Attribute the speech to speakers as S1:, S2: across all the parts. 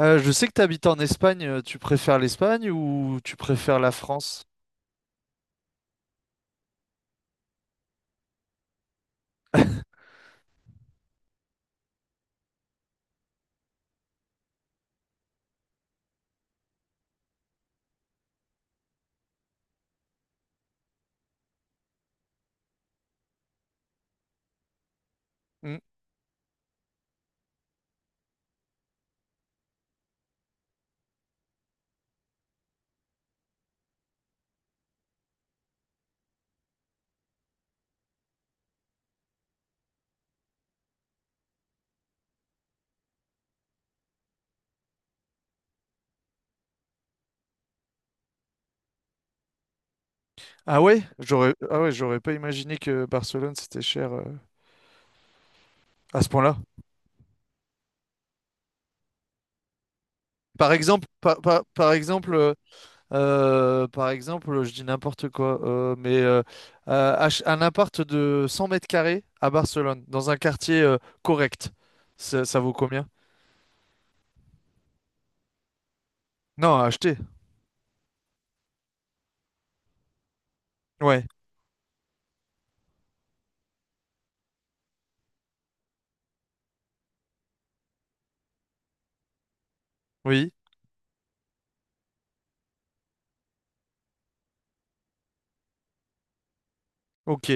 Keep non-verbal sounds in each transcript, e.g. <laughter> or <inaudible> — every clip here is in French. S1: Je sais que tu habites en Espagne, tu préfères l'Espagne ou tu préfères la France? <laughs> Hmm. Ah ouais, j'aurais pas imaginé que Barcelone c'était cher, à ce point-là. Par exemple, par, par- par exemple, je dis n'importe quoi, un appart de 100 mètres carrés à Barcelone, dans un quartier correct, ça vaut combien? Non, à acheter. Ouais, oui, ok,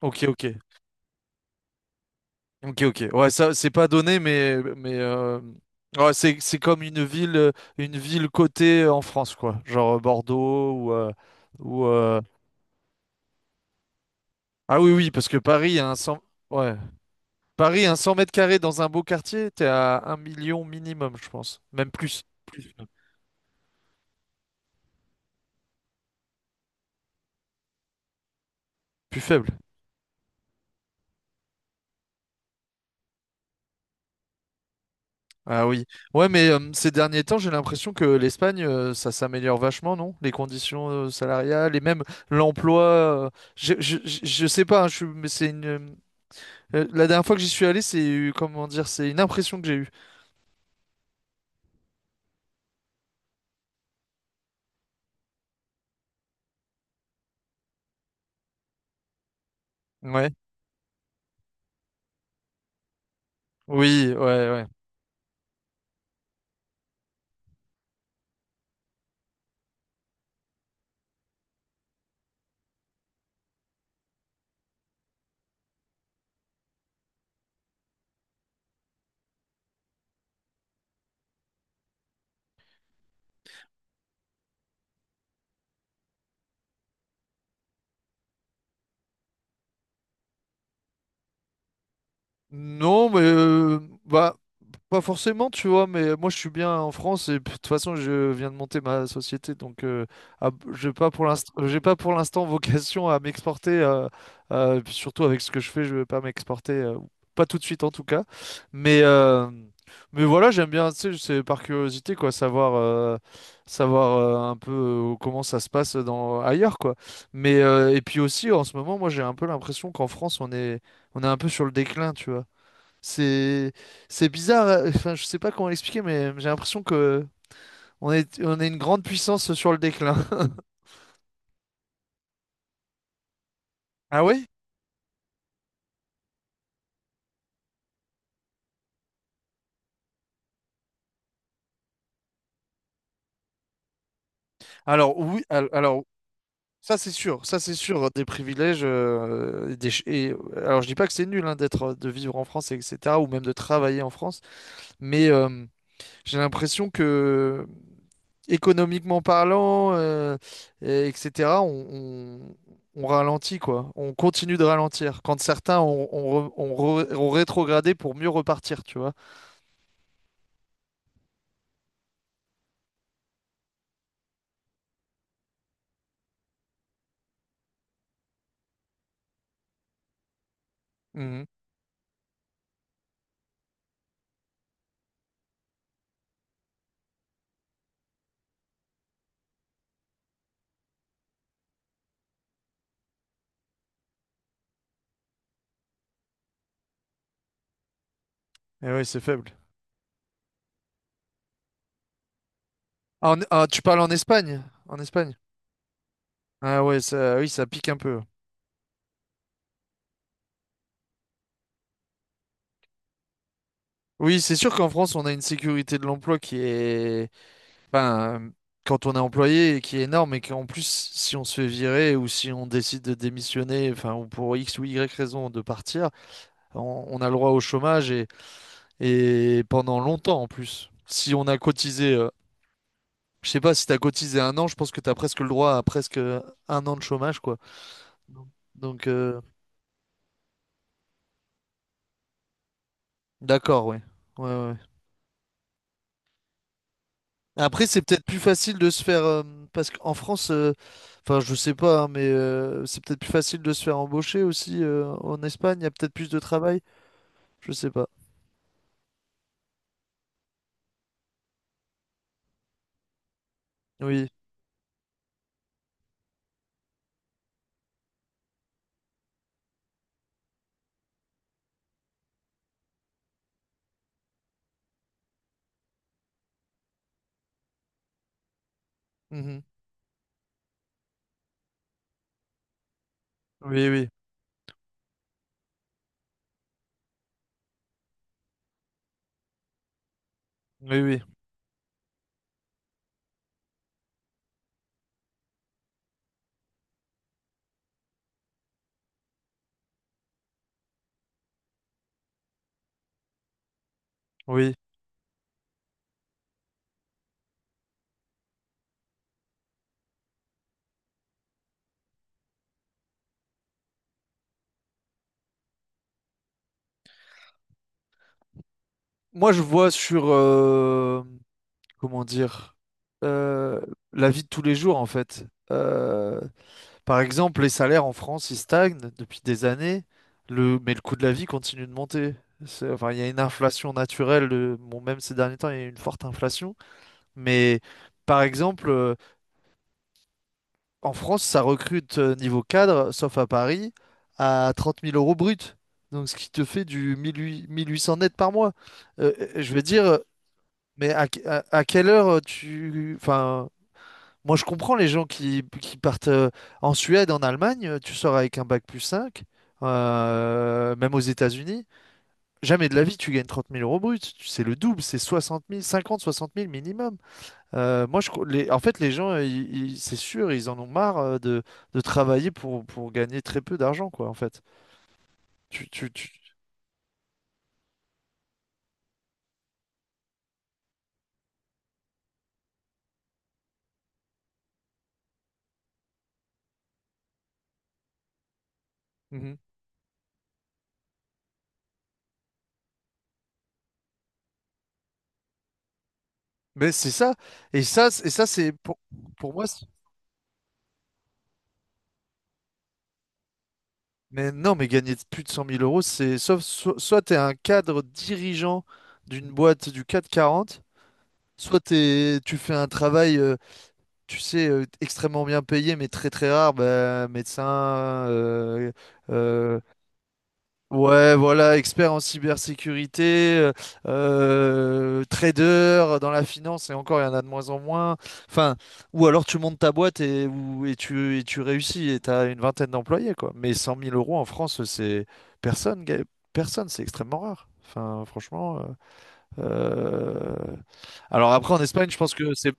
S1: ok, ok. Ok, ok. Ouais, ça, c'est pas donné, mais ouais, c'est comme une ville cotée en France, quoi. Genre, Bordeaux ou. Ah oui, oui, parce que Paris a un cent. Ouais. Paris a un 100 mètres carrés dans un beau quartier, t'es à un million minimum, je pense. Même plus. Plus faible. Ah oui. Ouais, mais ces derniers temps, j'ai l'impression que l'Espagne, ça s'améliore vachement, non? Les conditions salariales et même l'emploi. Je sais pas, hein, mais c'est une. La dernière fois que j'y suis allé, c'est, comment dire, c'est une impression que j'ai eue. Ouais. Oui, ouais, ouais. Non, mais bah, pas forcément, tu vois, mais moi je suis bien en France et puis, de toute façon je viens de monter ma société. Donc, ah, j'ai pas pour l'instant, <laughs> vocation à m'exporter, et puis surtout avec ce que je fais, je vais pas m'exporter, pas tout de suite en tout cas, mais mais voilà, j'aime bien, tu sais, c'est par curiosité quoi, savoir un peu, comment ça se passe dans ailleurs quoi, mais et puis aussi en ce moment, moi j'ai un peu l'impression qu'en France on est un peu sur le déclin, tu vois. C'est c'est bizarre, enfin je sais pas comment l'expliquer, mais j'ai l'impression que on est une grande puissance sur le déclin. <laughs> Ah oui? Alors oui, alors ça c'est sûr des privilèges. Alors je dis pas que c'est nul hein, d'être de vivre en France et etc. ou même de travailler en France, mais j'ai l'impression que économiquement parlant, etc., on ralentit, quoi. On continue de ralentir. Quand certains ont rétrogradé pour mieux repartir, tu vois. Mhm. Et oui, c'est faible. Ah, ah, tu parles en Espagne? En Espagne? Ah ouais, ça, oui, ça pique un peu. Oui, c'est sûr qu'en France, on a une sécurité de l'emploi qui est, enfin, quand on est employé, qui est énorme et qu'en plus, si on se fait virer ou si on décide de démissionner, enfin, ou pour X ou Y raison de partir, on a le droit au chômage et pendant longtemps en plus. Si on a cotisé, je sais pas, si tu as cotisé un an, je pense que tu as presque le droit à presque un an de chômage, quoi. Donc, d'accord, ouais. Ouais, ouais. Ouais. Après, c'est peut-être plus facile de se faire, parce qu'en France, enfin, je sais pas, hein, mais c'est peut-être plus facile de se faire embaucher aussi, en Espagne, il y a peut-être plus de travail, je sais pas. Oui. Mhm. Oui, oui, oui, oui, oui. Moi, je vois sur, comment dire, euh, la vie de tous les jours en fait. Euh, par exemple, les salaires en France, ils stagnent depuis des années, mais le coût de la vie continue de monter. Enfin, il y a une inflation naturelle, bon, même ces derniers temps, il y a eu une forte inflation. Mais par exemple, en France, ça recrute niveau cadre, sauf à Paris, à 30 000 euros brut. Donc, ce qui te fait du 1 800 net par mois. Je veux dire, mais à quelle heure tu, enfin, moi, je comprends les gens qui partent, en Suède, en Allemagne, tu sors avec un bac plus 5, même aux États-Unis. Jamais de la vie, tu gagnes 30 000 euros bruts. C'est le double, c'est 60 000, 50, 60 000 minimum. Moi, en fait, les gens, c'est sûr, ils en ont marre de travailler pour gagner très peu d'argent, quoi, en fait. Tu, tu, tu- Mhm. Mais c'est ça. Et ça, c'est pour moi. Mais non, mais gagner plus de 100 000 euros, c'est sauf soit tu es un cadre dirigeant d'une boîte du CAC 40, soit tu fais un travail, tu sais, extrêmement bien payé, mais très très rare, bah, médecin, euh, euh, ouais, voilà, expert en cybersécurité, trader dans la finance, et encore, il y en a de moins en moins. Enfin, ou alors tu montes ta boîte et tu réussis et tu as une vingtaine d'employés, quoi. Mais 100 000 euros en France, c'est personne, personne, c'est extrêmement rare. Enfin, franchement. Euh, Alors après, en Espagne, je pense que c'est.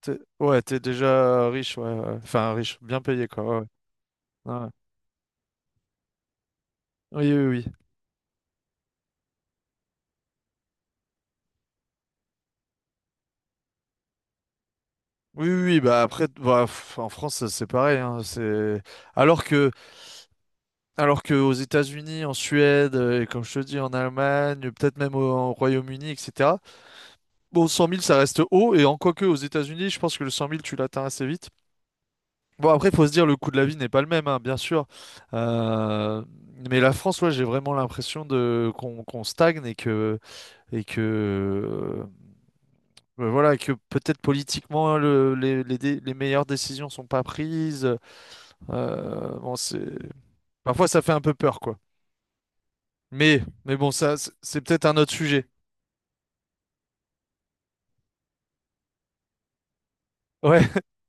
S1: Ouais, t'es déjà riche, ouais, ouais. Enfin, riche, bien payé, quoi. Ouais, ouais. Ah ouais. Oui, oui, oui. Oui, oui, oui, bah après, bah, en France, c'est pareil, hein, c'est. Alors que, alors que aux États-Unis, en Suède, et comme je te dis, en Allemagne, peut-être même en Royaume-Uni, etc. Bon, 100 000, ça reste haut. Et en quoi que, aux États-Unis, je pense que le 100 000, tu l'atteins assez vite. Bon, après, il faut se dire, le coût de la vie n'est pas le même, hein, bien sûr. Euh, Mais la France, ouais, j'ai vraiment l'impression de qu'on stagne et que euh, bah, voilà, que peut-être politiquement, les meilleures décisions sont pas prises. Bon, c'est. Parfois, ça fait un peu peur, quoi. Mais bon, ça, c'est peut-être un autre sujet. Ouais, <laughs>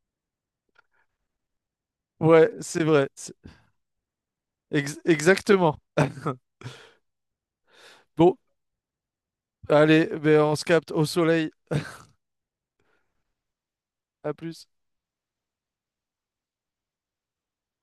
S1: ouais, c'est vrai. Exactement. Bon, allez, ben, on se capte au soleil. À plus.